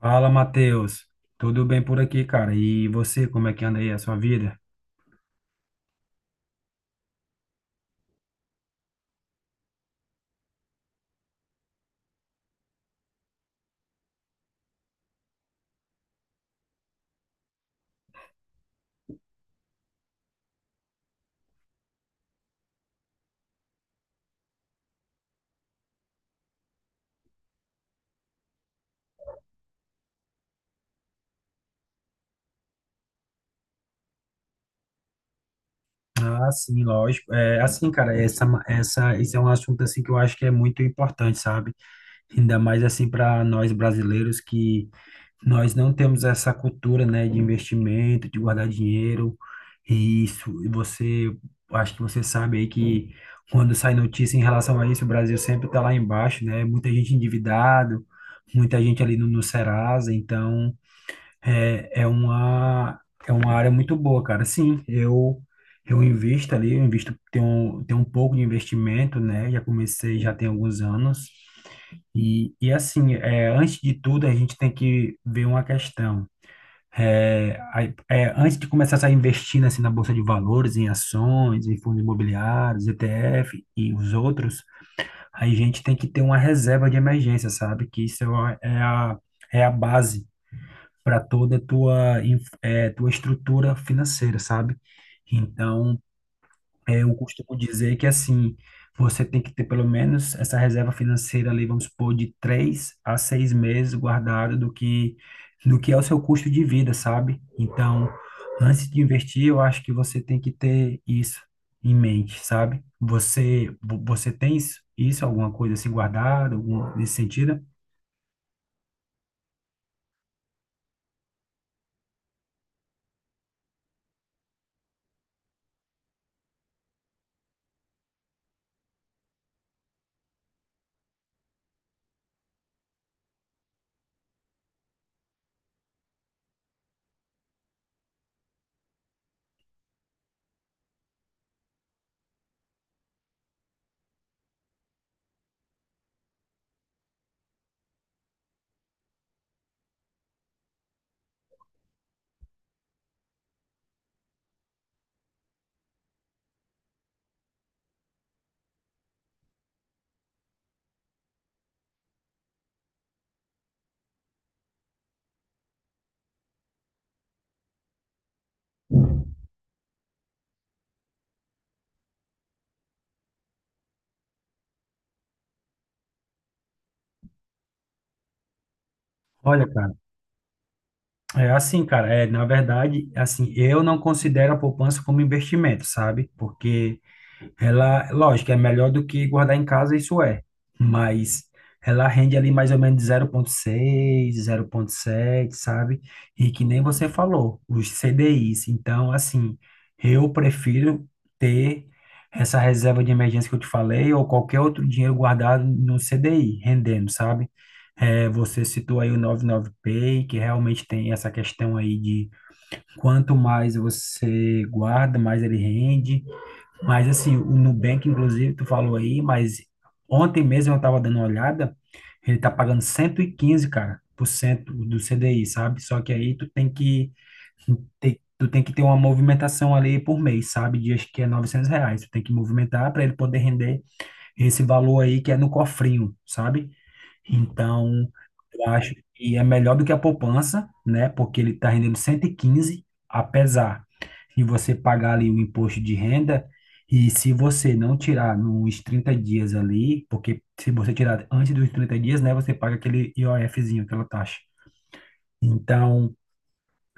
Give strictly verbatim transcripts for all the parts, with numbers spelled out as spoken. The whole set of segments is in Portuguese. Fala, Matheus. Tudo bem por aqui, cara? E você, como é que anda aí a sua vida? Ah, sim, lógico. É assim, cara, essa, essa, esse é um assunto assim que eu acho que é muito importante, sabe? Ainda mais assim para nós brasileiros que nós não temos essa cultura, né, de investimento, de guardar dinheiro. E isso, e você, acho que você sabe aí que quando sai notícia em relação a isso, o Brasil sempre tá lá embaixo, né? Muita gente endividado, muita gente ali no, no Serasa, então É, é uma, é uma área muito boa, cara. Sim, eu eu invisto ali, eu invisto, tenho, um- tenho um pouco de investimento, né? Já comecei, já tem alguns anos. E, e assim, é, antes de tudo, a gente tem que ver uma questão. É, a- é, Antes de começar a investir assim, na Bolsa de Valores, em ações, em fundos imobiliários, E T F e os outros, a gente tem que ter uma reserva de emergência, sabe? Que isso é, a- é a, é a base para toda a tua, inf- eh, tua estrutura financeira, sabe? Então, eh, eu costumo dizer que, assim, você tem que ter pelo menos essa reserva financeira ali, vamos supor, de três a seis meses guardado do que, do que é o seu custo de vida, sabe? Então, antes de investir, eu acho que você tem que ter isso em mente, sabe? Você, vo- você tem isso, isso, alguma coisa assim guardada, algum, nesse sentido? Olha, cara. É assim, cara, é, na verdade, assim, eu não considero a poupança como investimento, sabe? Porque ela, lógico, é melhor do que guardar em casa, isso é, mas ela rende ali mais ou menos zero vírgula seis, sete sabe? E que nem você falou, os C D Is. Então, assim, eu prefiro ter essa reserva de emergência que eu te falei ou qualquer outro dinheiro guardado no C D I, rendendo, sabe? É, você citou aí o noventa e nove pay que realmente tem essa questão aí de quanto mais você guarda, mais ele rende. Mas assim, o Nubank, inclusive, tu falou aí, mas ontem mesmo eu tava dando uma olhada, ele tá pagando cento e quinze cara, por cento do C D I, sabe? Só que aí tu tem que ter, tu tem que ter uma movimentação ali por mês, sabe? De acho que é novecentos reais. Tu tem que movimentar para ele poder render esse valor aí que é no cofrinho, sabe? Então, eu acho que é melhor do que a poupança, né? Porque ele está rendendo cento e quinze, apesar de você pagar ali o imposto de renda. E se você não tirar nos trinta dias ali, porque se você tirar antes dos trinta dias, né, você paga aquele IOFzinho, aquela taxa. Então,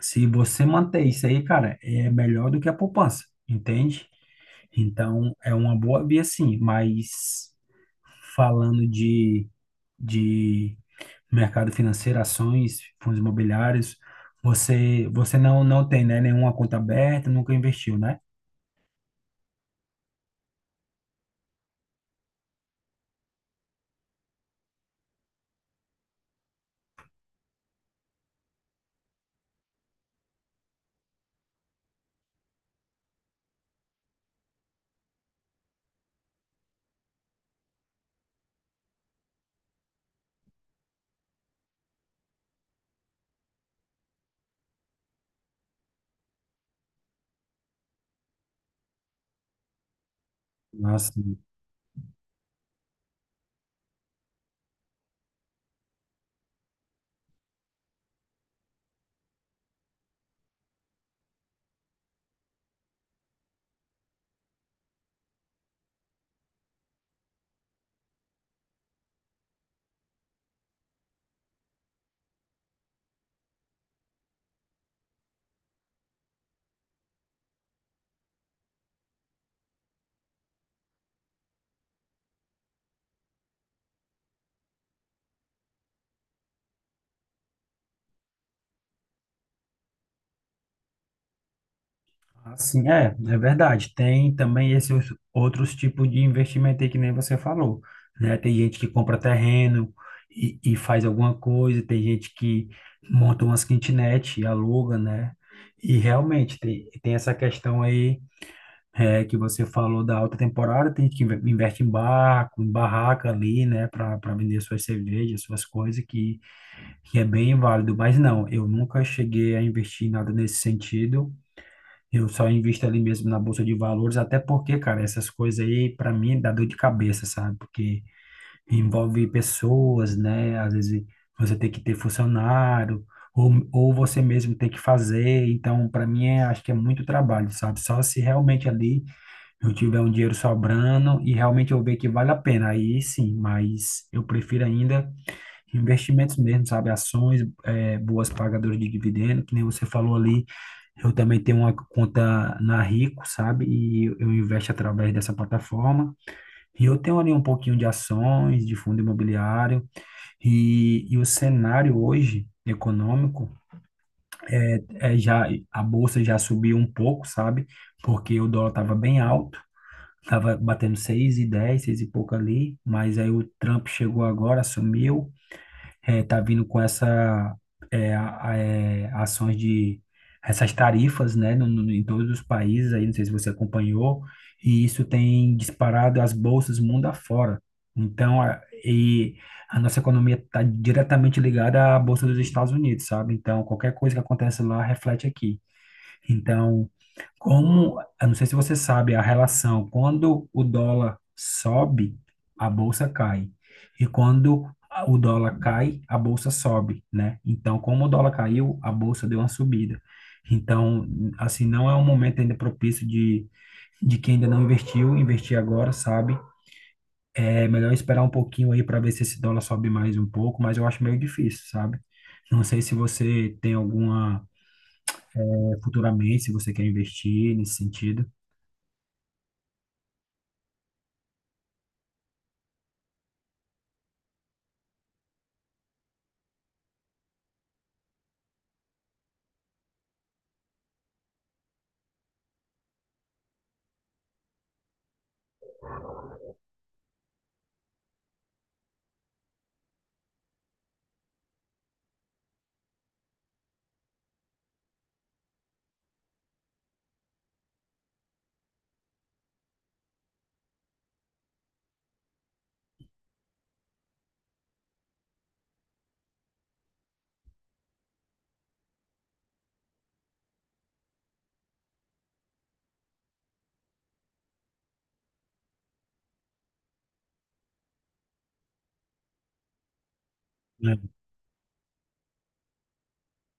se você manter isso aí, cara, é melhor do que a poupança, entende? Então, é uma boa via sim, mas falando de, de mercado financeiro, ações, fundos imobiliários. Você, você não, não tem, né, nenhuma conta aberta, nunca investiu, né? Assim, assim é, é verdade. Tem também esses outros tipos de investimento aí que nem você falou, né? Tem gente que compra terreno e, e faz alguma coisa, tem gente que monta umas kitnet e aluga, né? E realmente tem, tem essa questão aí. É, que você falou da alta temporada, tem gente que inve- investe em barco, em barraca ali, né, para para vender suas cervejas, suas coisas, que, que é bem válido. Mas não, eu nunca cheguei a investir em nada nesse sentido. Eu só invisto ali mesmo na bolsa de valores, até porque, cara, essas coisas aí, para mim, dá dor de cabeça, sabe? Porque envolve pessoas, né? Às vezes você tem que ter funcionário, ou, ou você mesmo tem que fazer. Então, para mim, é, acho que é muito trabalho, sabe? Só se realmente ali eu tiver um dinheiro sobrando e realmente eu ver que vale a pena, aí sim, mas eu prefiro ainda investimentos mesmo, sabe? Ações, eh, boas pagadoras de dividendo, que nem você falou ali. Eu também tenho uma conta na Rico, sabe? E eu investo através dessa plataforma. E eu tenho ali um pouquinho de ações, de fundo imobiliário. E, e o cenário hoje econômico é, já a bolsa já subiu um pouco, sabe? Porque o dólar estava bem alto. Tava batendo seis e dez, seis e pouco ali, mas aí o Trump chegou agora, assumiu, eh, tá vindo com essa eh, a- a- eh, ações de essas tarifas, né, no, no- em todos os países aí, não sei se você acompanhou, e isso tem disparado as bolsas mundo afora. Então, a, e a nossa economia está diretamente ligada à bolsa dos Estados Unidos, sabe? Então, qualquer coisa que acontece lá reflete aqui. Então, como, eu não sei se você sabe a relação, quando o dólar sobe, a bolsa cai. E quando a- o dólar cai, a bolsa sobe, né? Então, como o dólar caiu, a bolsa deu uma subida. Então, assim, não é um momento ainda propício de, de quem ainda não investiu, investir agora, sabe? É melhor esperar um pouquinho aí para ver se esse dólar sobe mais um pouco, mas eu acho meio difícil, sabe? Não sei se você tem alguma, eh, futuramente, se você quer investir nesse sentido.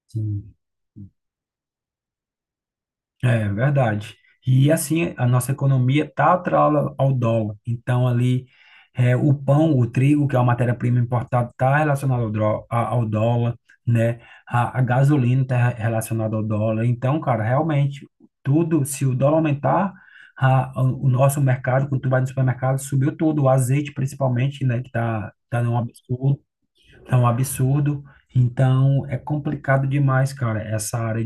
Sim. É verdade. E assim, a nossa economia está atrelada ao dólar. Então, ali, é, o pão, o trigo, que é uma matéria-prima importada, está relacionado ao, dró- a- ao dólar, né? A, a gasolina está relacionada ao dólar. Então, cara, realmente, tudo, se o dólar aumentar, a- o o nosso mercado, quando tu vai no supermercado, subiu tudo. O azeite, principalmente, né? Que tá, tá num absurdo, tá um absurdo. Então, é complicado demais, cara, essa área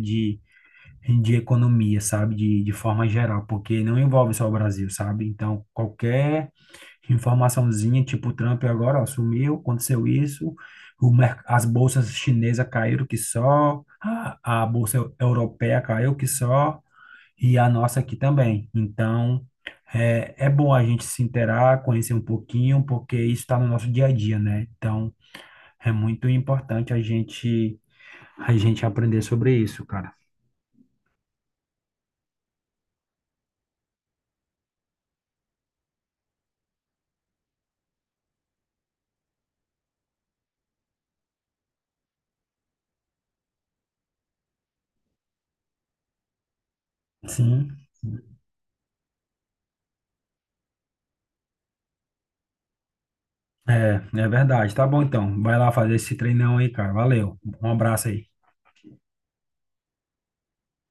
de economia, sabe? De, de forma geral, porque não envolve só o Brasil, sabe? Então, qualquer informaçãozinha, tipo o Trump agora, ó, sumiu, aconteceu isso, o mer- as bolsas chinesas caíram que só, a, a bolsa eu- europeia caiu que só, e a nossa aqui também. Então, é, é bom a gente se inteirar, conhecer um pouquinho, porque isso está no nosso dia a dia, né? Então, é muito importante a gente, a gente aprender sobre isso, cara. Sim. É, é verdade. Tá bom então. Vai lá fazer esse treinão aí, cara. Valeu. Um abraço aí.